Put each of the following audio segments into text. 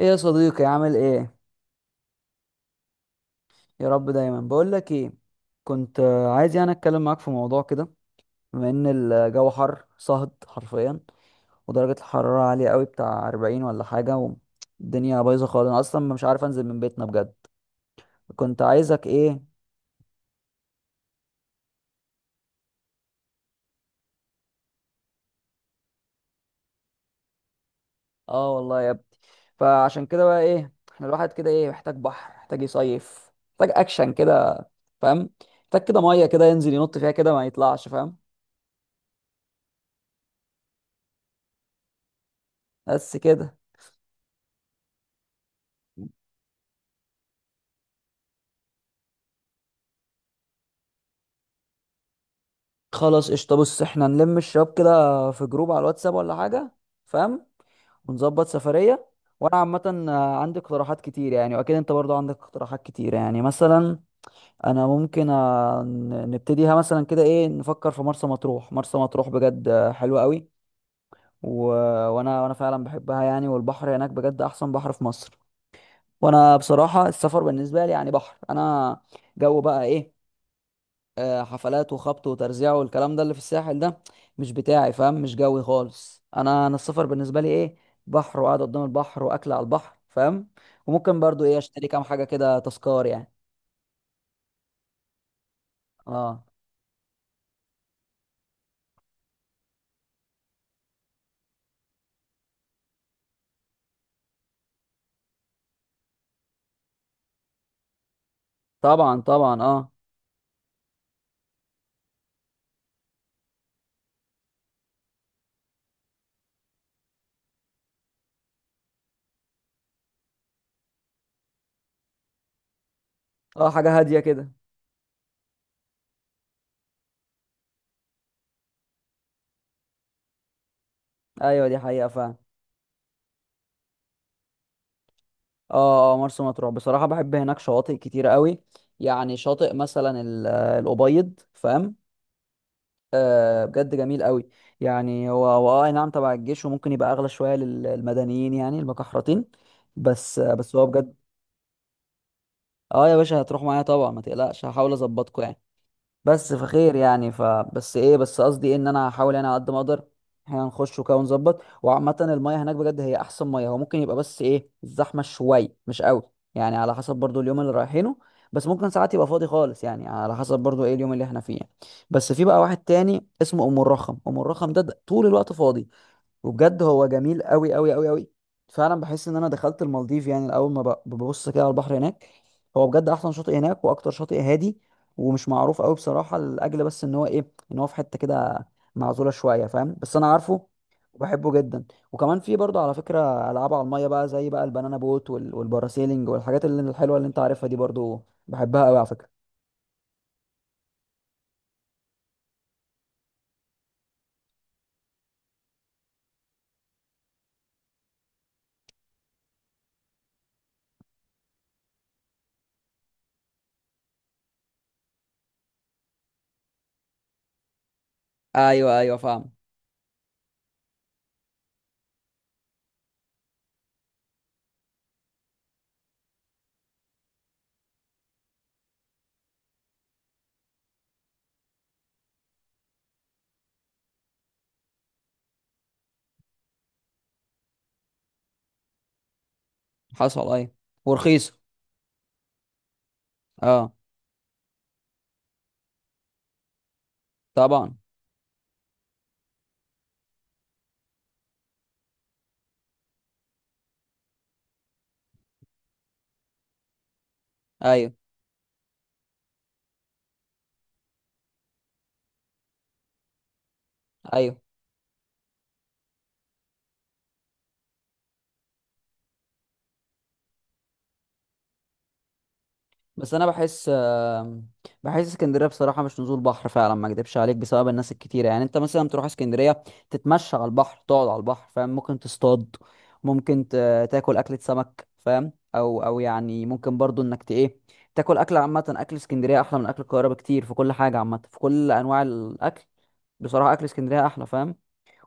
ايه يا صديقي، عامل ايه؟ يا رب دايما. بقول لك ايه، كنت عايز يعني اتكلم معاك في موضوع كده. بما ان الجو حر صهد حرفيا، ودرجة الحرارة عالية قوي، بتاع 40 ولا حاجة، والدنيا بايظة خالص. انا اصلا مش عارف انزل من بيتنا بجد. كنت عايزك ايه. اه، والله يا ابني. فعشان كده بقى ايه، احنا الواحد كده ايه، محتاج بحر، محتاج يصيف، محتاج اكشن كده، فاهم؟ محتاج كده مية كده ينزل ينط فيها كده ما يطلعش، فاهم؟ بس كده. خلاص قشطة، بص، احنا نلم الشباب كده في جروب على الواتساب ولا حاجة، فاهم؟ ونظبط سفرية. وانا عامة عندي اقتراحات كتير يعني، واكيد انت برضو عندك اقتراحات كتير، يعني مثلا انا ممكن نبتديها مثلا كده، ايه، نفكر في مرسى مطروح. مرسى مطروح بجد حلوة قوي. و... وانا وانا فعلا بحبها يعني، والبحر هناك بجد احسن بحر في مصر. وانا بصراحة السفر بالنسبة لي يعني بحر. انا جو بقى ايه، حفلات وخبط وترزيع والكلام ده اللي في الساحل ده، مش بتاعي، فاهم؟ مش جوي خالص. انا السفر بالنسبه لي ايه، بحر وقعد قدام البحر واكل على البحر، فاهم؟ وممكن برضو ايه اشتري كام حاجه كده تذكار يعني. اه، طبعا طبعا، اه. اه، حاجه هاديه كده. ايوه، دي حقيقه فعلا. اه اه، مرسى مطروح بصراحه بحب هناك شواطئ كتير قوي. يعني شاطئ مثلا الابيض، فاهم؟ آه بجد جميل قوي. يعني هو هو، اه، أي نعم، تبع الجيش، وممكن يبقى اغلى شويه للمدنيين يعني، المكحرتين. بس آه، بس هو بجد. اه يا باشا، هتروح معايا طبعا ما تقلقش، هحاول اظبطكوا يعني. بس فخير يعني، فبس ايه، بس قصدي إيه، ان انا هحاول انا على قد ما اقدر. احنا نخش وكده ونظبط. وعامة المية هناك بجد هي احسن مية. هو ممكن يبقى بس ايه الزحمة شوية، مش قوي يعني، على حسب برضو اليوم اللي رايحينه. بس ممكن ساعات يبقى فاضي خالص، يعني على حسب برضو ايه اليوم اللي احنا فيه يعني. بس في بقى واحد تاني اسمه ام الرخم. ام الرخم ده طول الوقت فاضي، وبجد هو جميل قوي قوي قوي قوي. فعلا بحس ان انا دخلت المالديف يعني، اول ما ببص كده على البحر هناك. هو بجد احسن شاطئ هناك، واكتر شاطئ هادي ومش معروف قوي بصراحه، لاجل بس ان هو ايه، ان هو في حته كده معزوله شويه، فاهم؟ بس انا عارفه وبحبه جدا. وكمان في برضه على فكره العاب على الميه بقى، زي بقى البنانا بوت والباراسيلينج والحاجات اللي الحلوه اللي انت عارفها دي، برضه بحبها قوي على فكره. ايوه ايوه، فاهم. حصل، ايوه. ورخيصه. اه طبعا. ايوه ايوه. بس انا بحس بحس اسكندريه بصراحه مش نزول بحر فعلا، ما اكدبش عليك، بسبب الناس الكتيره. يعني انت مثلا تروح اسكندريه تتمشى على البحر، تقعد على البحر، فاهم؟ ممكن تصطاد، ممكن تاكل اكله سمك، فاهم؟ او يعني ممكن برضو انك ت ايه، تاكل اكل عامه. اكل اسكندريه احلى من اكل القاهره بكتير، في كل حاجه عامه، في كل انواع الاكل. بصراحه اكل اسكندريه احلى، فاهم؟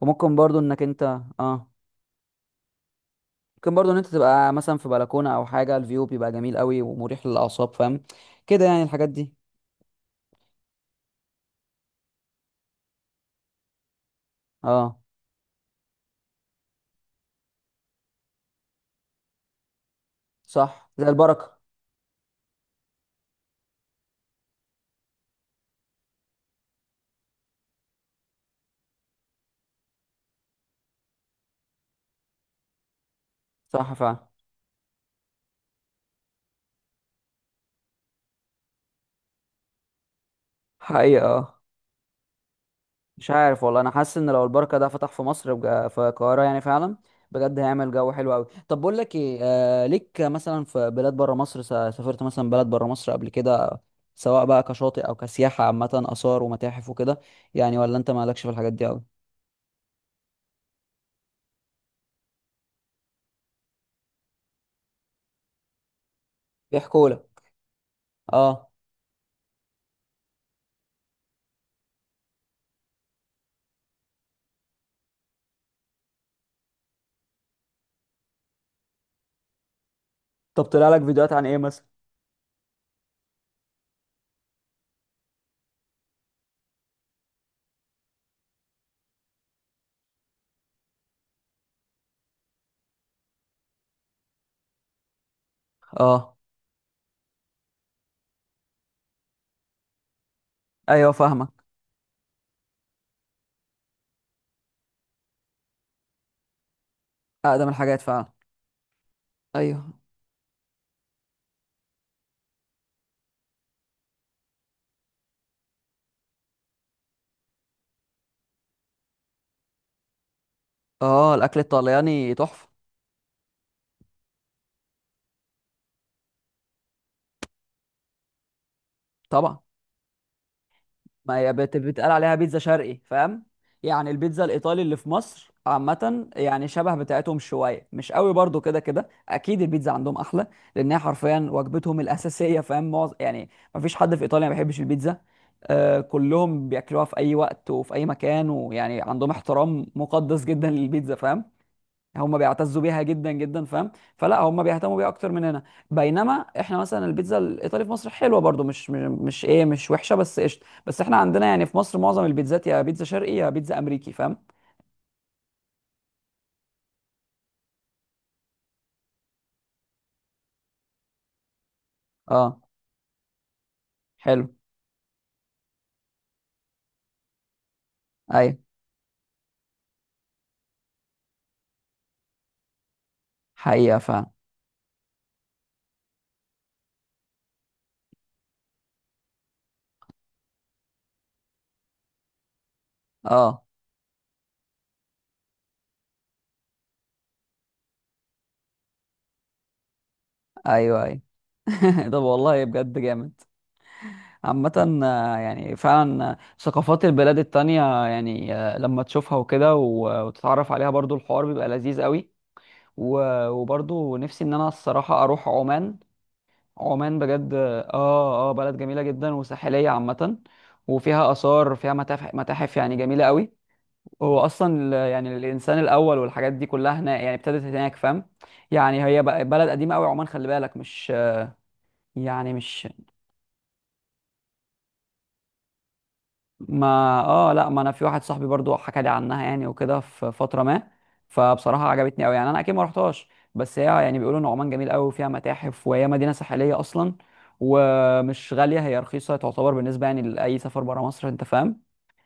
وممكن برضو انك انت اه، ممكن برضو ان انت تبقى مثلا في بلكونه او حاجه، الفيو بيبقى جميل قوي ومريح للاعصاب، فاهم؟ كده يعني الحاجات دي. اه، صح، زي البركة. صح فعلا. حقيقة، اه. مش عارف والله، انا حاسس ان لو البركة ده فتح في مصر في القاهرة يعني، فعلا بجد هيعمل جو حلو قوي. طب بقول لك ايه، آه ليك مثلا في بلاد بره مصر، سافرت مثلا بلد بره مصر قبل كده، سواء بقى كشاطئ او كسياحة عامة، آثار ومتاحف وكده يعني، ولا انت مالكش في الحاجات دي قوي؟ بيحكوا لك، اه. طب طلع لك فيديوهات عن ايه مثلا؟ اه، ايوه، فاهمك. اقدم الحاجات فعلا. ايوه. اه، الاكل الطلياني تحفة. طبعا، ما هي بتقال عليها بيتزا شرقي، فاهم؟ يعني البيتزا الايطالي اللي في مصر عامه يعني شبه بتاعتهم شويه، مش قوي برضو كده، كده اكيد البيتزا عندهم احلى، لانها حرفيا وجبتهم الاساسيه، فاهم؟ معظم يعني، ما فيش حد في ايطاليا ما بيحبش البيتزا. آه، كلهم بياكلوها في اي وقت وفي اي مكان، ويعني عندهم احترام مقدس جدا للبيتزا، فاهم؟ هم بيعتزوا بيها جدا جدا، فاهم؟ فلا، هم بيهتموا بيها اكتر مننا. بينما احنا مثلا البيتزا الايطالي في مصر حلوه برضو، مش ايه، مش وحشه بس قشطه، بس احنا عندنا يعني في مصر معظم البيتزات يا بيتزا شرقي يا بيتزا امريكي، فاهم؟ اه، حلو. ايوه، حقيقه فعلا. اه، ايوه ايوه. طب والله بجد جامد. عامة يعني فعلا ثقافات البلاد التانية، يعني لما تشوفها وكده وتتعرف عليها، برضو الحوار بيبقى لذيذ قوي. وبرضو نفسي ان انا الصراحة اروح عمان. عمان بجد، اه اه، بلد جميلة جدا وساحلية عامة، وفيها آثار، فيها متاحف يعني جميلة قوي. هو أصلا يعني الإنسان الأول والحاجات دي كلها هناك يعني ابتدت هناك، فاهم؟ يعني هي بلد قديمة قوي عمان، خلي بالك، مش يعني مش ما، اه، لا، ما انا في واحد صاحبي برضو حكى لي عنها يعني، وكده في فتره ما. فبصراحه عجبتني قوي يعني، انا اكيد ما رحتهاش. بس هي يعني بيقولوا ان عمان جميل قوي وفيها متاحف، وهي مدينه ساحليه اصلا، ومش غاليه، هي رخيصه تعتبر بالنسبه يعني لاي سفر بره مصر، انت فاهم؟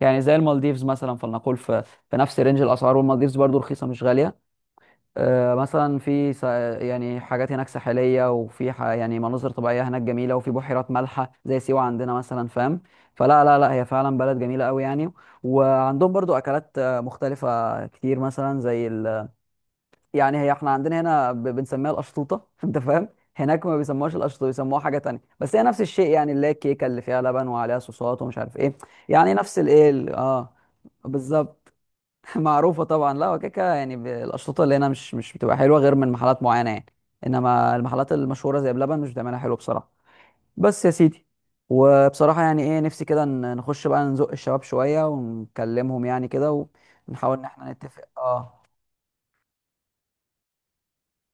يعني زي المالديفز مثلا، فلنقول في نفس رينج الاسعار، والمالديفز برضو رخيصه مش غاليه. آه، مثلا في س- يعني حاجات هناك ساحليه، وفي يعني مناظر طبيعيه هناك جميله، وفي بحيرات مالحه زي سيوه عندنا مثلا، فاهم؟ فلا لا لا، هي فعلا بلد جميله قوي يعني. وعندهم برضو اكلات مختلفه كتير، مثلا زي ال... يعني هي احنا عندنا هنا بنسميها الاشطوطه، انت فاهم؟ هناك ما بيسموهاش القشطه، بيسموها حاجه تانية، بس هي نفس الشيء، يعني اللي هي الكيكه اللي فيها لبن وعليها صوصات ومش عارف ايه. يعني نفس الايه اه. بالظبط. معروفة طبعا، لا وكيكة يعني، الأشرطة اللي هنا مش بتبقى حلوة غير من محلات معينة يعني. إنما المحلات المشهورة زي بلبن مش بتعملها حلو بصراحة. بس يا سيدي، وبصراحة يعني إيه، نفسي كده نخش بقى نزق الشباب شوية ونكلمهم يعني كده، ونحاول إن إحنا نتفق، آه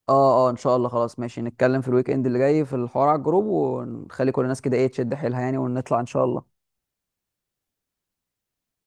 آه آه، إن شاء الله. خلاص ماشي، نتكلم في الويك إند اللي جاي في الحوار على الجروب، ونخلي كل الناس كده إيه تشد حيلها يعني، ونطلع إن شاء الله.